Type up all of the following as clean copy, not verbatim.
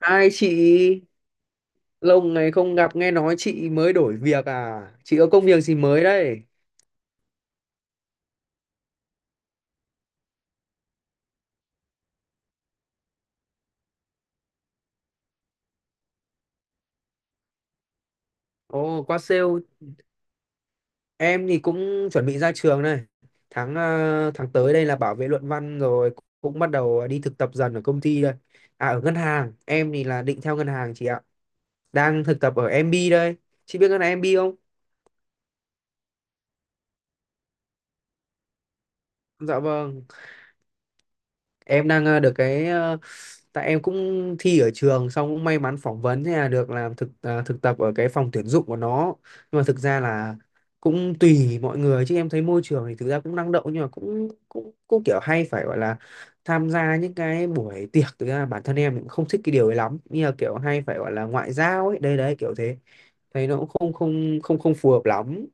Hai chị, lâu ngày không gặp, nghe nói chị mới đổi việc à? Chị có công việc gì mới đấy? Ồ, qua sale em thì cũng chuẩn bị ra trường này. Tháng tới đây là bảo vệ luận văn rồi, cũng bắt đầu đi thực tập dần ở công ty đây. À ở ngân hàng, em thì là định theo ngân hàng chị ạ. Đang thực tập ở MB đây. Chị biết ngân hàng MB không? Dạ vâng. em đang ờ, được cái ờ, tại em cũng thi ở trường xong cũng may mắn phỏng vấn, thế là được làm thực tập ở cái phòng tuyển dụng của nó, nhưng mà thực ra là cũng tùy mọi người. Chứ em thấy môi trường thì thực ra cũng năng động, nhưng mà cũng cũng cũng kiểu hay phải gọi là tham gia những cái buổi tiệc, thực ra bản thân em cũng không thích cái điều ấy lắm, như là kiểu hay phải gọi là ngoại giao ấy, đây đấy kiểu thế. Thấy nó cũng không không không không phù hợp lắm.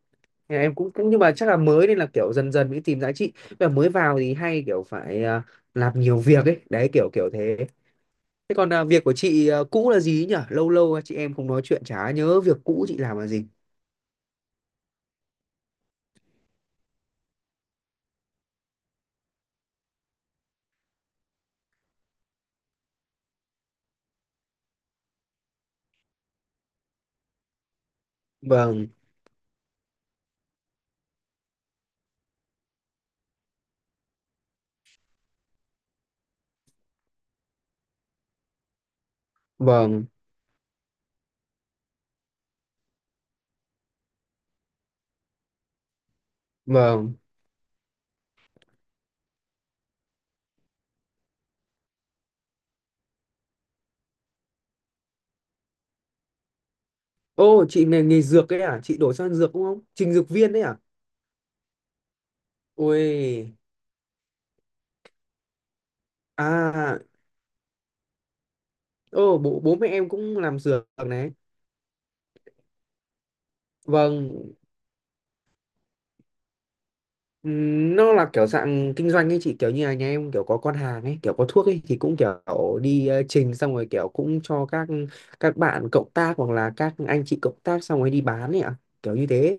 Thế là em cũng, nhưng mà chắc là mới nên là kiểu dần dần mới tìm giá trị, và mới vào thì hay kiểu phải làm nhiều việc ấy, đấy kiểu kiểu thế. Thế còn à, việc của chị à, cũ là gì ấy nhỉ, lâu lâu chị em không nói chuyện chả nhớ việc cũ chị làm là gì. Vâng. Vâng. Vâng. Ô chị, nghề nghề dược ấy à, chị đổi sang dược đúng không, trình dược viên đấy à? Ôi. À. Ô, bố bố mẹ em cũng làm dược này. Vâng. Nó là kiểu dạng kinh doanh ấy chị, kiểu như là nhà em kiểu có con hàng ấy, kiểu có thuốc ấy thì cũng kiểu đi trình xong rồi kiểu cũng cho các bạn cộng tác hoặc là các anh chị cộng tác xong rồi đi bán ấy ạ, kiểu như thế.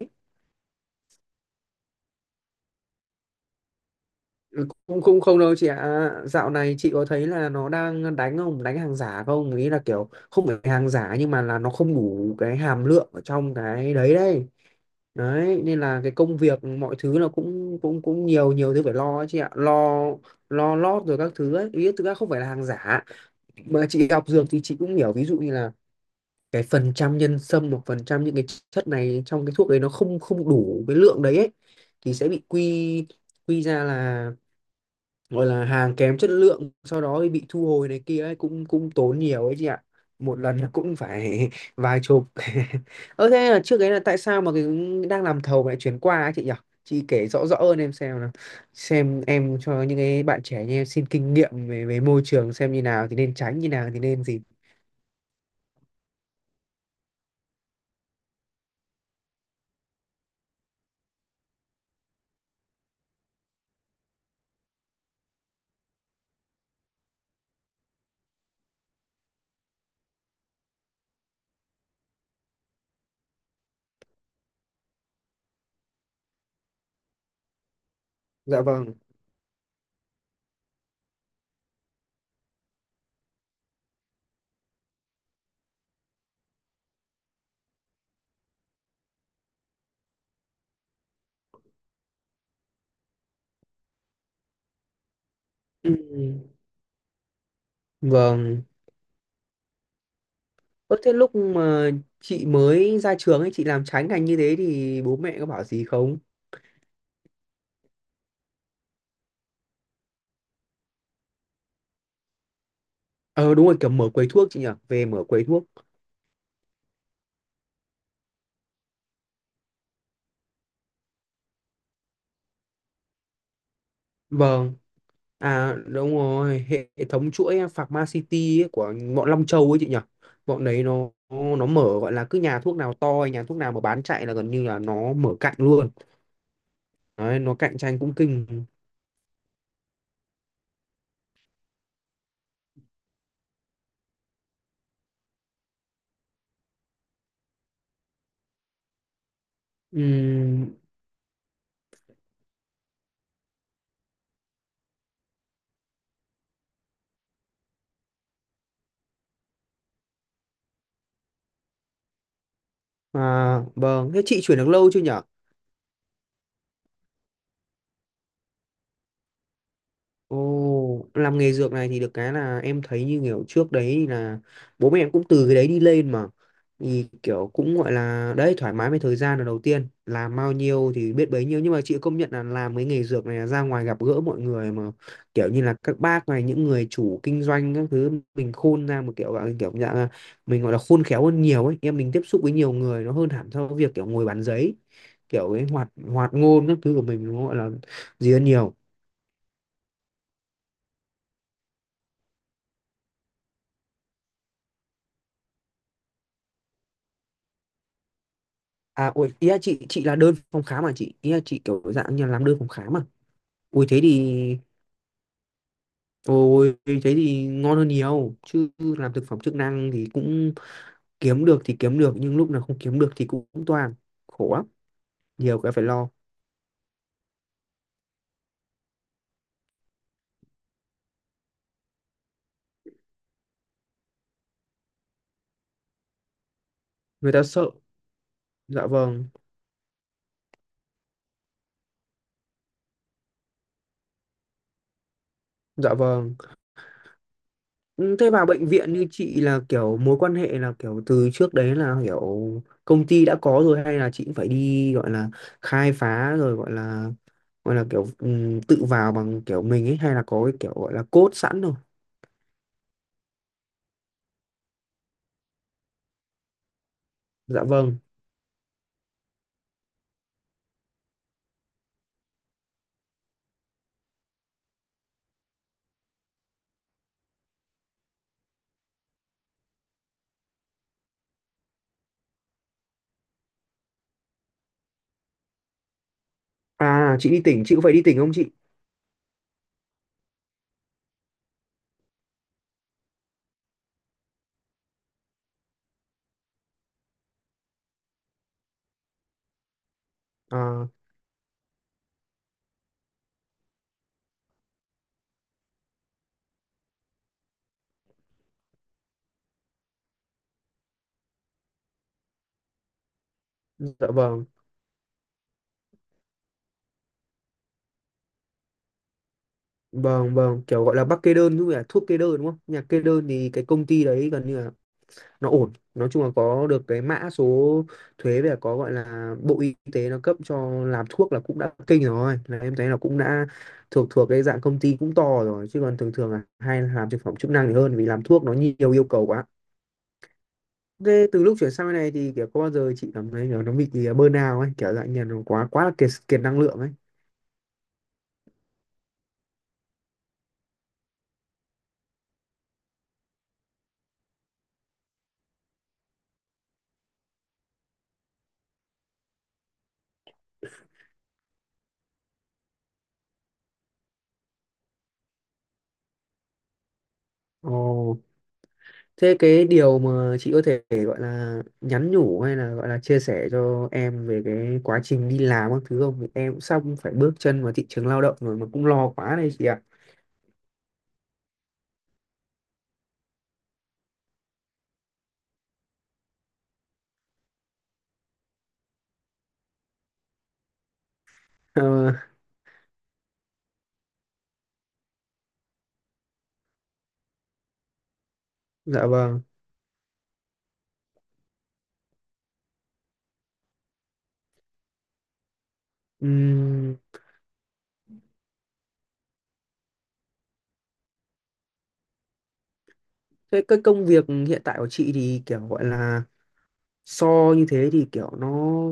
Ừ, cũng cũng không đâu chị ạ, dạo này chị có thấy là nó đang đánh không, đánh hàng giả không, ý là kiểu không phải hàng giả nhưng mà là nó không đủ cái hàm lượng ở trong cái đấy đấy. Đấy nên là cái công việc mọi thứ là cũng cũng cũng nhiều, nhiều thứ phải lo ấy chị ạ, lo lo lót rồi các thứ ấy, ý thực ra không phải là hàng giả. Mà chị học dược thì chị cũng hiểu, ví dụ như là cái phần trăm nhân sâm hoặc phần trăm những cái chất này trong cái thuốc đấy nó không không đủ cái lượng đấy ấy, thì sẽ bị quy, quy ra là gọi là hàng kém chất lượng, sau đó thì bị thu hồi này kia ấy, cũng cũng tốn nhiều ấy chị ạ. Một lần là cũng phải vài chục. Ơ thế là trước đấy là tại sao mà cái đang làm thầu lại chuyển qua ấy chị nhỉ? Chị kể rõ rõ hơn em xem nào, xem em cho những cái bạn trẻ như em xin kinh nghiệm về về môi trường, xem như nào thì nên tránh, như nào thì nên gì. Dạ vâng. Ừ, vâng. Ơ thế lúc mà chị mới ra trường ấy, chị làm trái ngành như thế thì bố mẹ có bảo gì không? Ờ đúng rồi, kiểu mở quầy thuốc chị nhỉ, về mở quầy thuốc. Vâng, à đúng rồi, hệ hệ thống chuỗi Pharmacity ấy, của bọn Long Châu ấy chị nhỉ. Bọn đấy nó mở gọi là cứ nhà thuốc nào to, nhà thuốc nào mà bán chạy là gần như là nó mở cạnh luôn. Đấy, nó cạnh tranh cũng kinh. Ừm, à, vâng, thế chị chuyển được lâu chưa nhỉ? Ồ, làm nghề dược này thì được cái là em thấy như kiểu trước đấy thì là bố mẹ em cũng từ cái đấy đi lên mà, thì kiểu cũng gọi là đấy, thoải mái với thời gian, là đầu tiên làm bao nhiêu thì biết bấy nhiêu, nhưng mà chị công nhận là làm cái nghề dược này là ra ngoài gặp gỡ mọi người mà, kiểu như là các bác này, những người chủ kinh doanh các thứ, mình khôn ra một kiểu, à, kiểu dạng là mình gọi là khôn khéo hơn nhiều ấy em, mình tiếp xúc với nhiều người nó hơn hẳn so với việc kiểu ngồi bàn giấy, kiểu cái hoạt hoạt ngôn các thứ của mình nó gọi là gì hơn nhiều. À, ui, ý là chị là đơn phòng khám mà chị, ý là chị kiểu dạng như là làm đơn phòng khám mà. Ui thế thì, ôi thế thì ngon hơn nhiều, chứ làm thực phẩm chức năng thì cũng kiếm được thì kiếm được, nhưng lúc nào không kiếm được thì cũng toàn khổ lắm, nhiều cái phải lo, người ta sợ. Dạ vâng. Dạ vâng. Ừ, thế vào bệnh viện như chị là kiểu mối quan hệ là kiểu từ trước đấy là kiểu công ty đã có rồi, hay là chị cũng phải đi gọi là khai phá rồi gọi là, gọi là kiểu tự vào bằng kiểu mình ấy, hay là có cái kiểu gọi là code sẵn rồi. Dạ vâng. À chị đi tỉnh, chị cũng phải đi tỉnh không chị? À dạ vâng. Vâng vâng, kiểu gọi là bác kê đơn đúng không? Thuốc kê đơn đúng không? Nhà kê đơn thì cái công ty đấy gần như là nó ổn, nói chung là có được cái mã số thuế về, có gọi là bộ y tế nó cấp cho làm thuốc là cũng đã kinh rồi, là em thấy là cũng đã thuộc, cái dạng công ty cũng to rồi, chứ còn thường thường là hay là làm thực phẩm chức năng thì hơn, vì làm thuốc nó nhiều yêu cầu quá. Thế từ lúc chuyển sang bên này thì kiểu có bao giờ chị cảm thấy kiểu nó bị bơn nào ấy, kiểu dạng như là nó quá, quá là kiệt kiệt năng lượng ấy? Ồ. Thế cái điều mà chị có thể gọi là nhắn nhủ hay là gọi là chia sẻ cho em về cái quá trình đi làm các thứ không? Vì em cũng sắp phải bước chân vào thị trường lao động rồi mà cũng lo quá đây chị ạ. Ờ, dạ vâng. Ừm, thế cái công việc hiện tại của chị thì kiểu gọi là so như thế thì kiểu nó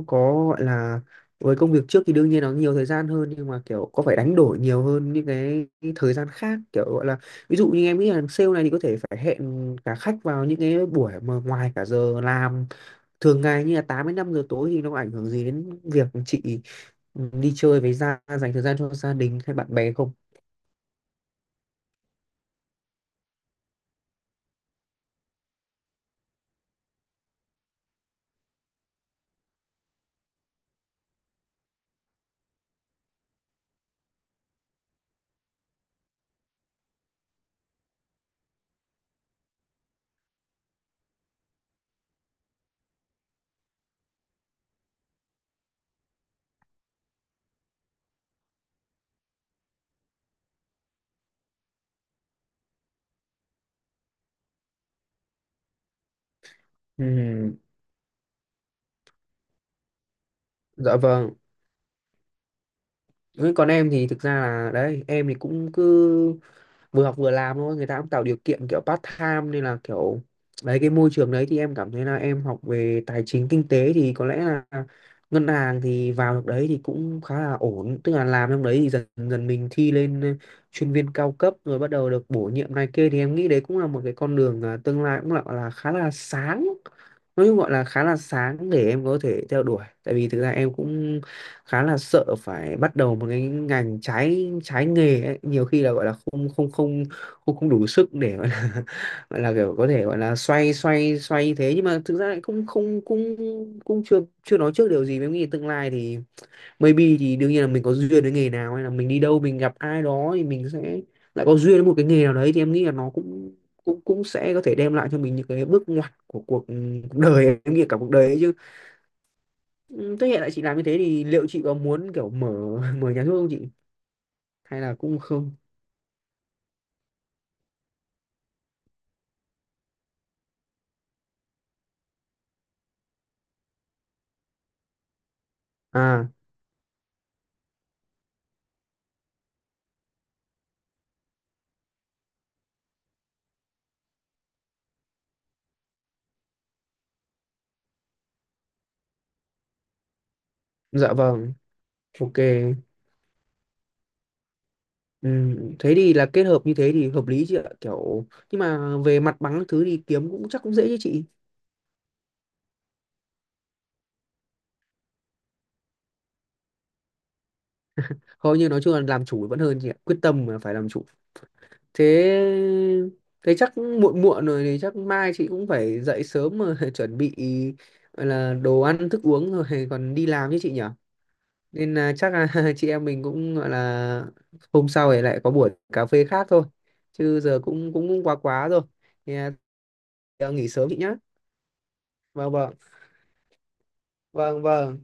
có gọi là, với công việc trước thì đương nhiên nó nhiều thời gian hơn, nhưng mà kiểu có phải đánh đổi nhiều hơn những cái thời gian khác kiểu gọi là, ví dụ như em nghĩ là sale này thì có thể phải hẹn cả khách vào những cái buổi mà ngoài cả giờ làm thường ngày, như là 8 đến 5 giờ tối, thì nó có ảnh hưởng gì đến việc chị đi chơi với gia, dành thời gian cho gia đình hay bạn bè không? Ừ, dạ vâng. Ừ, còn em thì thực ra là đấy, em thì cũng cứ vừa học vừa làm thôi, người ta cũng tạo điều kiện kiểu part time nên là kiểu đấy, cái môi trường đấy thì em cảm thấy là em học về tài chính kinh tế thì có lẽ là ngân hàng thì vào được đấy thì cũng khá là ổn, tức là làm trong đấy thì dần dần mình thi lên chuyên viên cao cấp rồi bắt đầu được bổ nhiệm này kia, thì em nghĩ đấy cũng là một cái con đường, à, tương lai cũng là khá là sáng, nói chung gọi là khá là sáng để em có thể theo đuổi, tại vì thực ra em cũng khá là sợ phải bắt đầu một cái ngành trái trái nghề ấy. Nhiều khi là gọi là không không không không không đủ sức để gọi là, gọi là kiểu có thể gọi là xoay xoay xoay như thế, nhưng mà thực ra lại không không cũng, cũng chưa chưa nói trước điều gì với nghĩ tương lai thì maybe, thì đương nhiên là mình có duyên với nghề nào hay là mình đi đâu mình gặp ai đó thì mình sẽ lại có duyên với một cái nghề nào đấy, thì em nghĩ là nó cũng cũng cũng sẽ có thể đem lại cho mình những cái bước ngoặt của cuộc cuộc đời, em nghĩ là cả cuộc đời ấy chứ. Ừ, thế hiện tại chị làm như thế thì liệu chị có muốn kiểu mở, mở nhà thuốc không chị? Hay là cũng không? À, dạ vâng. Ok. Ừ, thế thì là kết hợp như thế thì hợp lý chị ạ. Kiểu nhưng mà về mặt bằng các thứ thì kiếm cũng chắc cũng dễ chứ chị. Thôi nhưng nói chung là làm chủ vẫn hơn chị ạ. Quyết tâm mà phải làm chủ. Thế thế chắc muộn muộn rồi thì chắc mai chị cũng phải dậy sớm mà chuẩn bị gọi là đồ ăn thức uống rồi còn đi làm chứ chị nhỉ? Nên là chắc là chị em mình cũng gọi là hôm sau thì lại có buổi cà phê khác thôi, chứ giờ cũng cũng, cũng quá quá rồi thì, à, nghỉ sớm chị nhá. Vâng vâng. Vâng vâng.